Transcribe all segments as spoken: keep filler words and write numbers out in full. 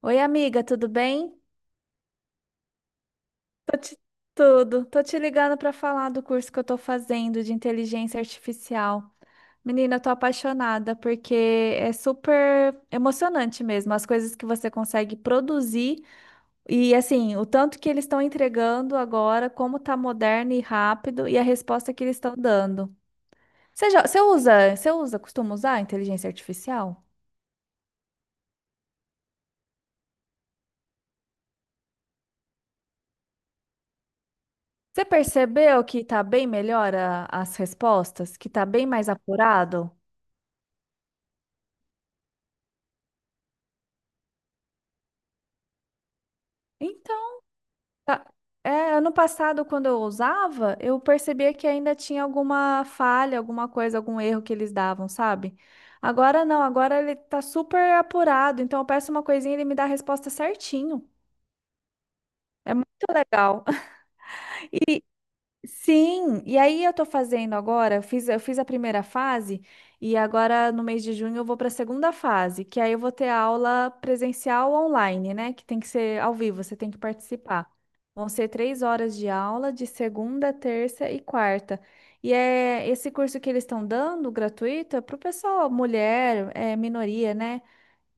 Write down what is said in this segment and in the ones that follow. Oi, amiga, tudo bem? Tô te... Tudo. Tô te ligando para falar do curso que eu tô fazendo de inteligência artificial. Menina, eu tô apaixonada porque é super emocionante mesmo as coisas que você consegue produzir e assim, o tanto que eles estão entregando agora, como tá moderno e rápido e a resposta que eles estão dando. Você já... você usa, você usa, costuma usar a inteligência artificial? Você percebeu que tá bem melhor a- as respostas, que tá bem mais apurado? Então, Tá. É, ano passado, quando eu usava, eu percebia que ainda tinha alguma falha, alguma coisa, algum erro que eles davam, sabe? Agora não, agora ele tá super apurado, então eu peço uma coisinha e ele me dá a resposta certinho. É muito legal. E, Sim, e aí eu tô fazendo agora, eu fiz, eu fiz a primeira fase e agora no mês de junho eu vou para a segunda fase, que aí eu vou ter aula presencial online, né? Que tem que ser ao vivo, você tem que participar. Vão ser três horas de aula de segunda, terça e quarta. E é esse curso que eles estão dando, gratuito, é para o pessoal, mulher, é, minoria, né?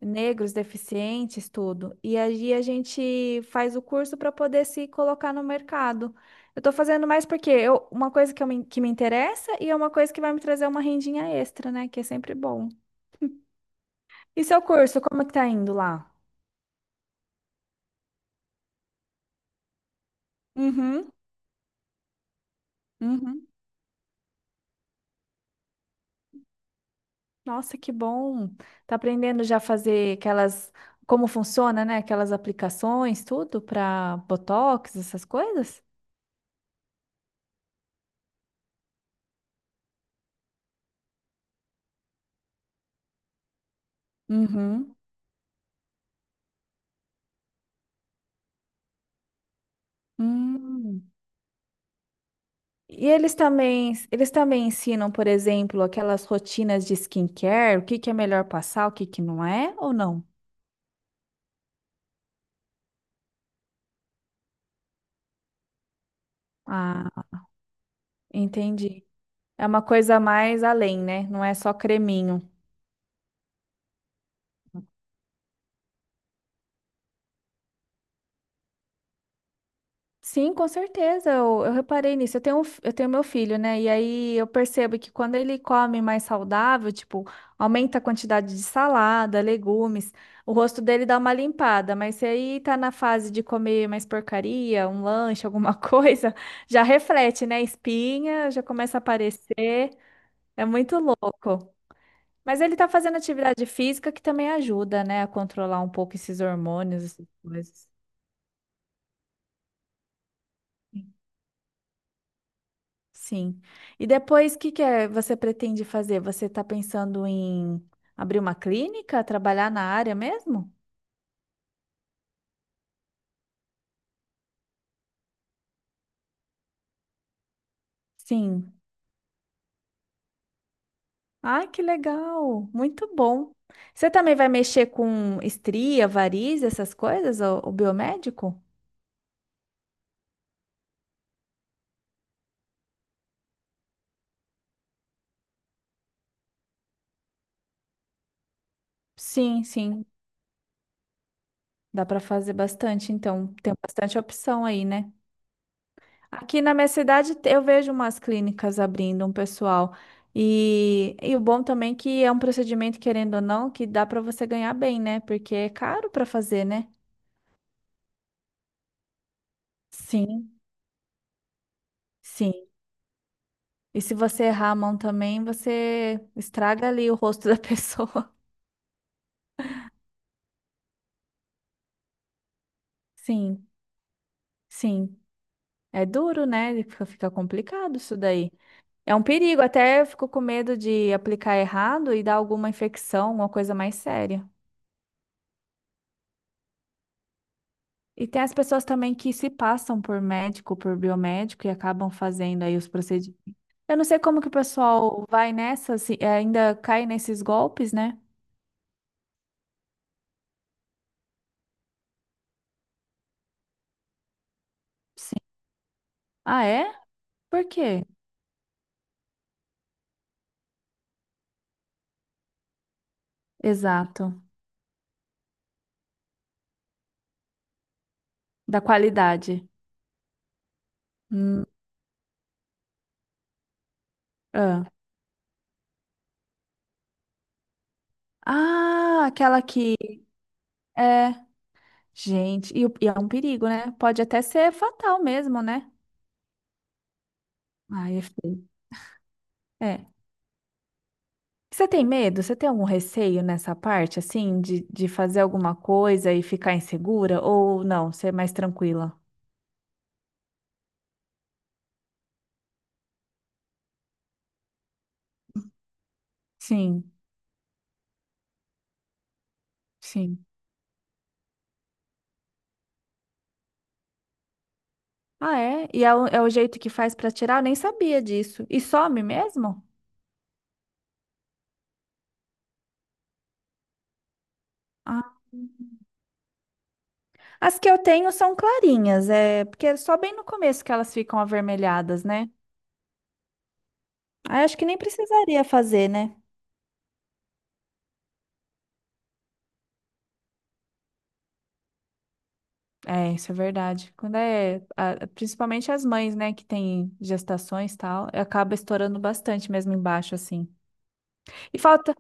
Negros, deficientes, tudo. E aí a gente faz o curso para poder se colocar no mercado. Eu estou fazendo mais porque eu, uma coisa que, eu me, que me interessa e é uma coisa que vai me trazer uma rendinha extra, né? Que é sempre bom. E seu curso, como é que tá indo lá? Uhum, uhum. Nossa, que bom. Tá aprendendo já a fazer aquelas, como funciona, né? Aquelas aplicações, tudo para Botox, essas coisas? Uhum. Hum. E eles também, eles também ensinam, por exemplo, aquelas rotinas de skincare, o que que é melhor passar, o que que não é, ou não? Ah, entendi. É uma coisa mais além, né? Não é só creminho. Sim, com certeza. Eu, eu reparei nisso. Eu tenho, um fi- eu tenho meu filho, né? E aí eu percebo que quando ele come mais saudável, tipo, aumenta a quantidade de salada, legumes, o rosto dele dá uma limpada. Mas se aí tá na fase de comer mais porcaria, um lanche, alguma coisa, já reflete, né? Espinha já começa a aparecer. É muito louco. Mas ele tá fazendo atividade física que também ajuda, né? A controlar um pouco esses hormônios, essas coisas. Sim. E depois, o que que é, você pretende fazer? Você está pensando em abrir uma clínica, trabalhar na área mesmo? Sim. Ai, que legal! Muito bom. Você também vai mexer com estria, variz, essas coisas, o, o biomédico? Sim, sim. Dá para fazer bastante, então tem bastante opção aí, né? Aqui na minha cidade te- eu vejo umas clínicas abrindo, um pessoal. E, e o bom também é que é um procedimento, querendo ou não, que dá para você ganhar bem, né? Porque é caro para fazer, né? Sim, sim. E se você errar a mão também, você estraga ali o rosto da pessoa. Sim, sim. É duro, né? Fica, fica complicado isso daí. É um perigo, até eu fico com medo de aplicar errado e dar alguma infecção, uma coisa mais séria. E tem as pessoas também que se passam por médico, por biomédico e acabam fazendo aí os procedimentos. Eu não sei como que o pessoal vai nessa, se ainda cai nesses golpes, né? Sim. Ah, é? Por quê? Exato. Da qualidade. Hum, ah. Ah, aquela que é, gente, e, o- e é um perigo, né? Pode até ser fatal mesmo, né? Ah, é feio. É. Você tem medo? Você tem algum receio nessa parte, assim, de, de fazer alguma coisa e ficar insegura? Ou não, ser mais tranquila? Sim, sim. Ah, é? E é o, é o jeito que faz pra tirar? Eu nem sabia disso. E some mesmo? Ah. As que eu tenho são clarinhas, é porque é só bem no começo que elas ficam avermelhadas, né? Aí acho que nem precisaria fazer, né? É, isso é verdade. Quando é, a- principalmente as mães, né, que têm gestações e tal, acaba estourando bastante mesmo embaixo, assim. E falta,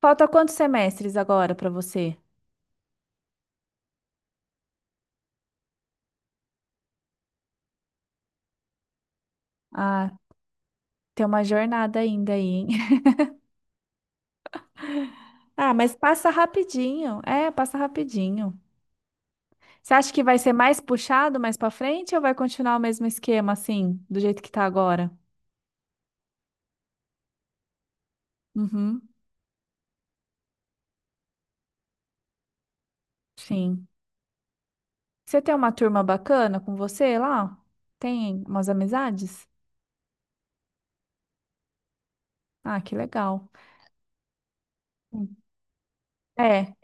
falta quantos semestres agora para você? Ah, tem uma jornada ainda aí, hein? Ah, mas passa rapidinho. É, passa rapidinho. Você acha que vai ser mais puxado mais para frente ou vai continuar o mesmo esquema assim, do jeito que tá agora? Uhum, sim. Você tem uma turma bacana com você lá? Tem umas amizades? Ah, que legal. Hum. É,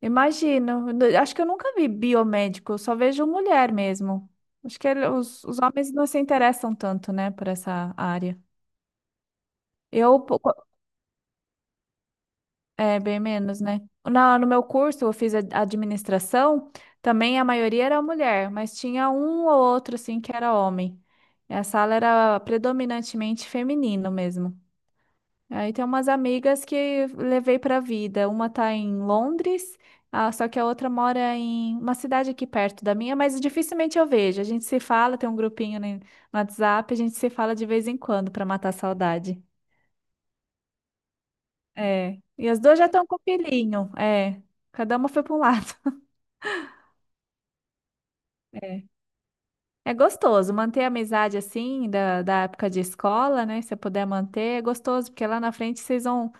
imagino. Eu acho que eu nunca vi biomédico, eu só vejo mulher mesmo. Acho que ele- os, os homens não se interessam tanto, né, por essa área. Eu, po- co- é, bem menos, né? Na, no meu curso, eu fiz a- administração, também a maioria era mulher, mas tinha um ou outro, assim, que era homem. E a sala era predominantemente feminino mesmo. Aí tem umas amigas que levei pra vida. Uma tá em Londres, ah, só que a outra mora em uma cidade aqui perto da minha, mas dificilmente eu vejo. A gente se fala, tem um grupinho no no WhatsApp, a gente se fala de vez em quando pra matar a saudade. É. E as duas já estão com filhinho. É. Cada uma foi pra um lado. É. É gostoso manter a amizade assim, da, da época de escola, né? Se você puder manter, é gostoso, porque lá na frente vocês vão,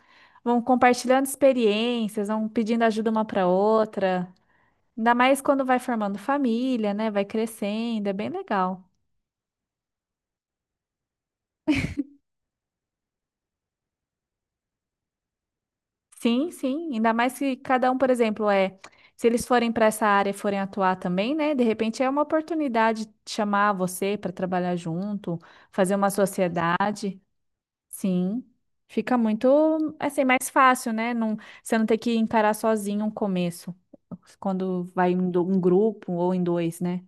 vão compartilhando experiências, vão pedindo ajuda uma pra outra. Ainda mais quando vai formando família, né? Vai crescendo, é bem legal. Sim, sim. Ainda mais se cada um, por exemplo, é. Se eles forem para essa área e forem atuar também, né? De repente é uma oportunidade de chamar você para trabalhar junto, fazer uma sociedade. Sim. Fica muito, assim, mais fácil, né? Não, você não ter que encarar sozinho um começo, quando vai em do- um grupo ou em dois, né?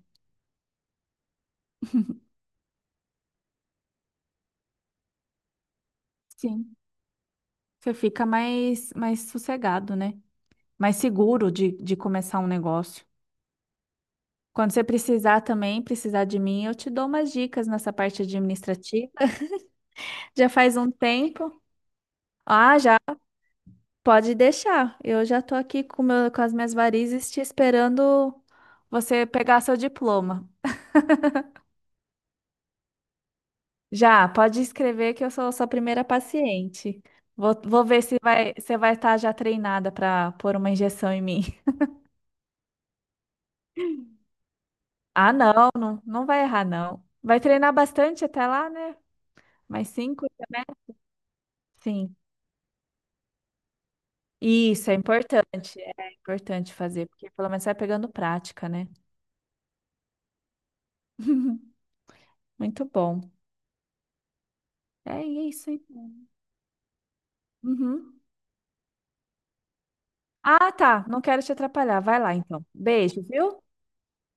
Sim. Você fica mais, mais sossegado, né? Mais seguro de, de começar um negócio. Quando você precisar também, precisar de mim, eu te dou umas dicas nessa parte administrativa. Já faz um tempo. Ah, já pode deixar. Eu já estou aqui com, o meu, com as minhas varizes te esperando você pegar seu diploma. Já, pode escrever que eu sou sua primeira paciente. Vou, vou ver se vai, você vai estar já treinada para pôr uma injeção em mim. Ah, não, não, não vai errar, não. Vai treinar bastante até lá, né? Mais cinco, né? Sim. Isso é importante, é importante fazer, porque pelo menos você vai pegando prática, né? Muito bom. É isso, então. Uhum. Ah, tá. Não quero te atrapalhar. Vai lá, então. Beijo, viu?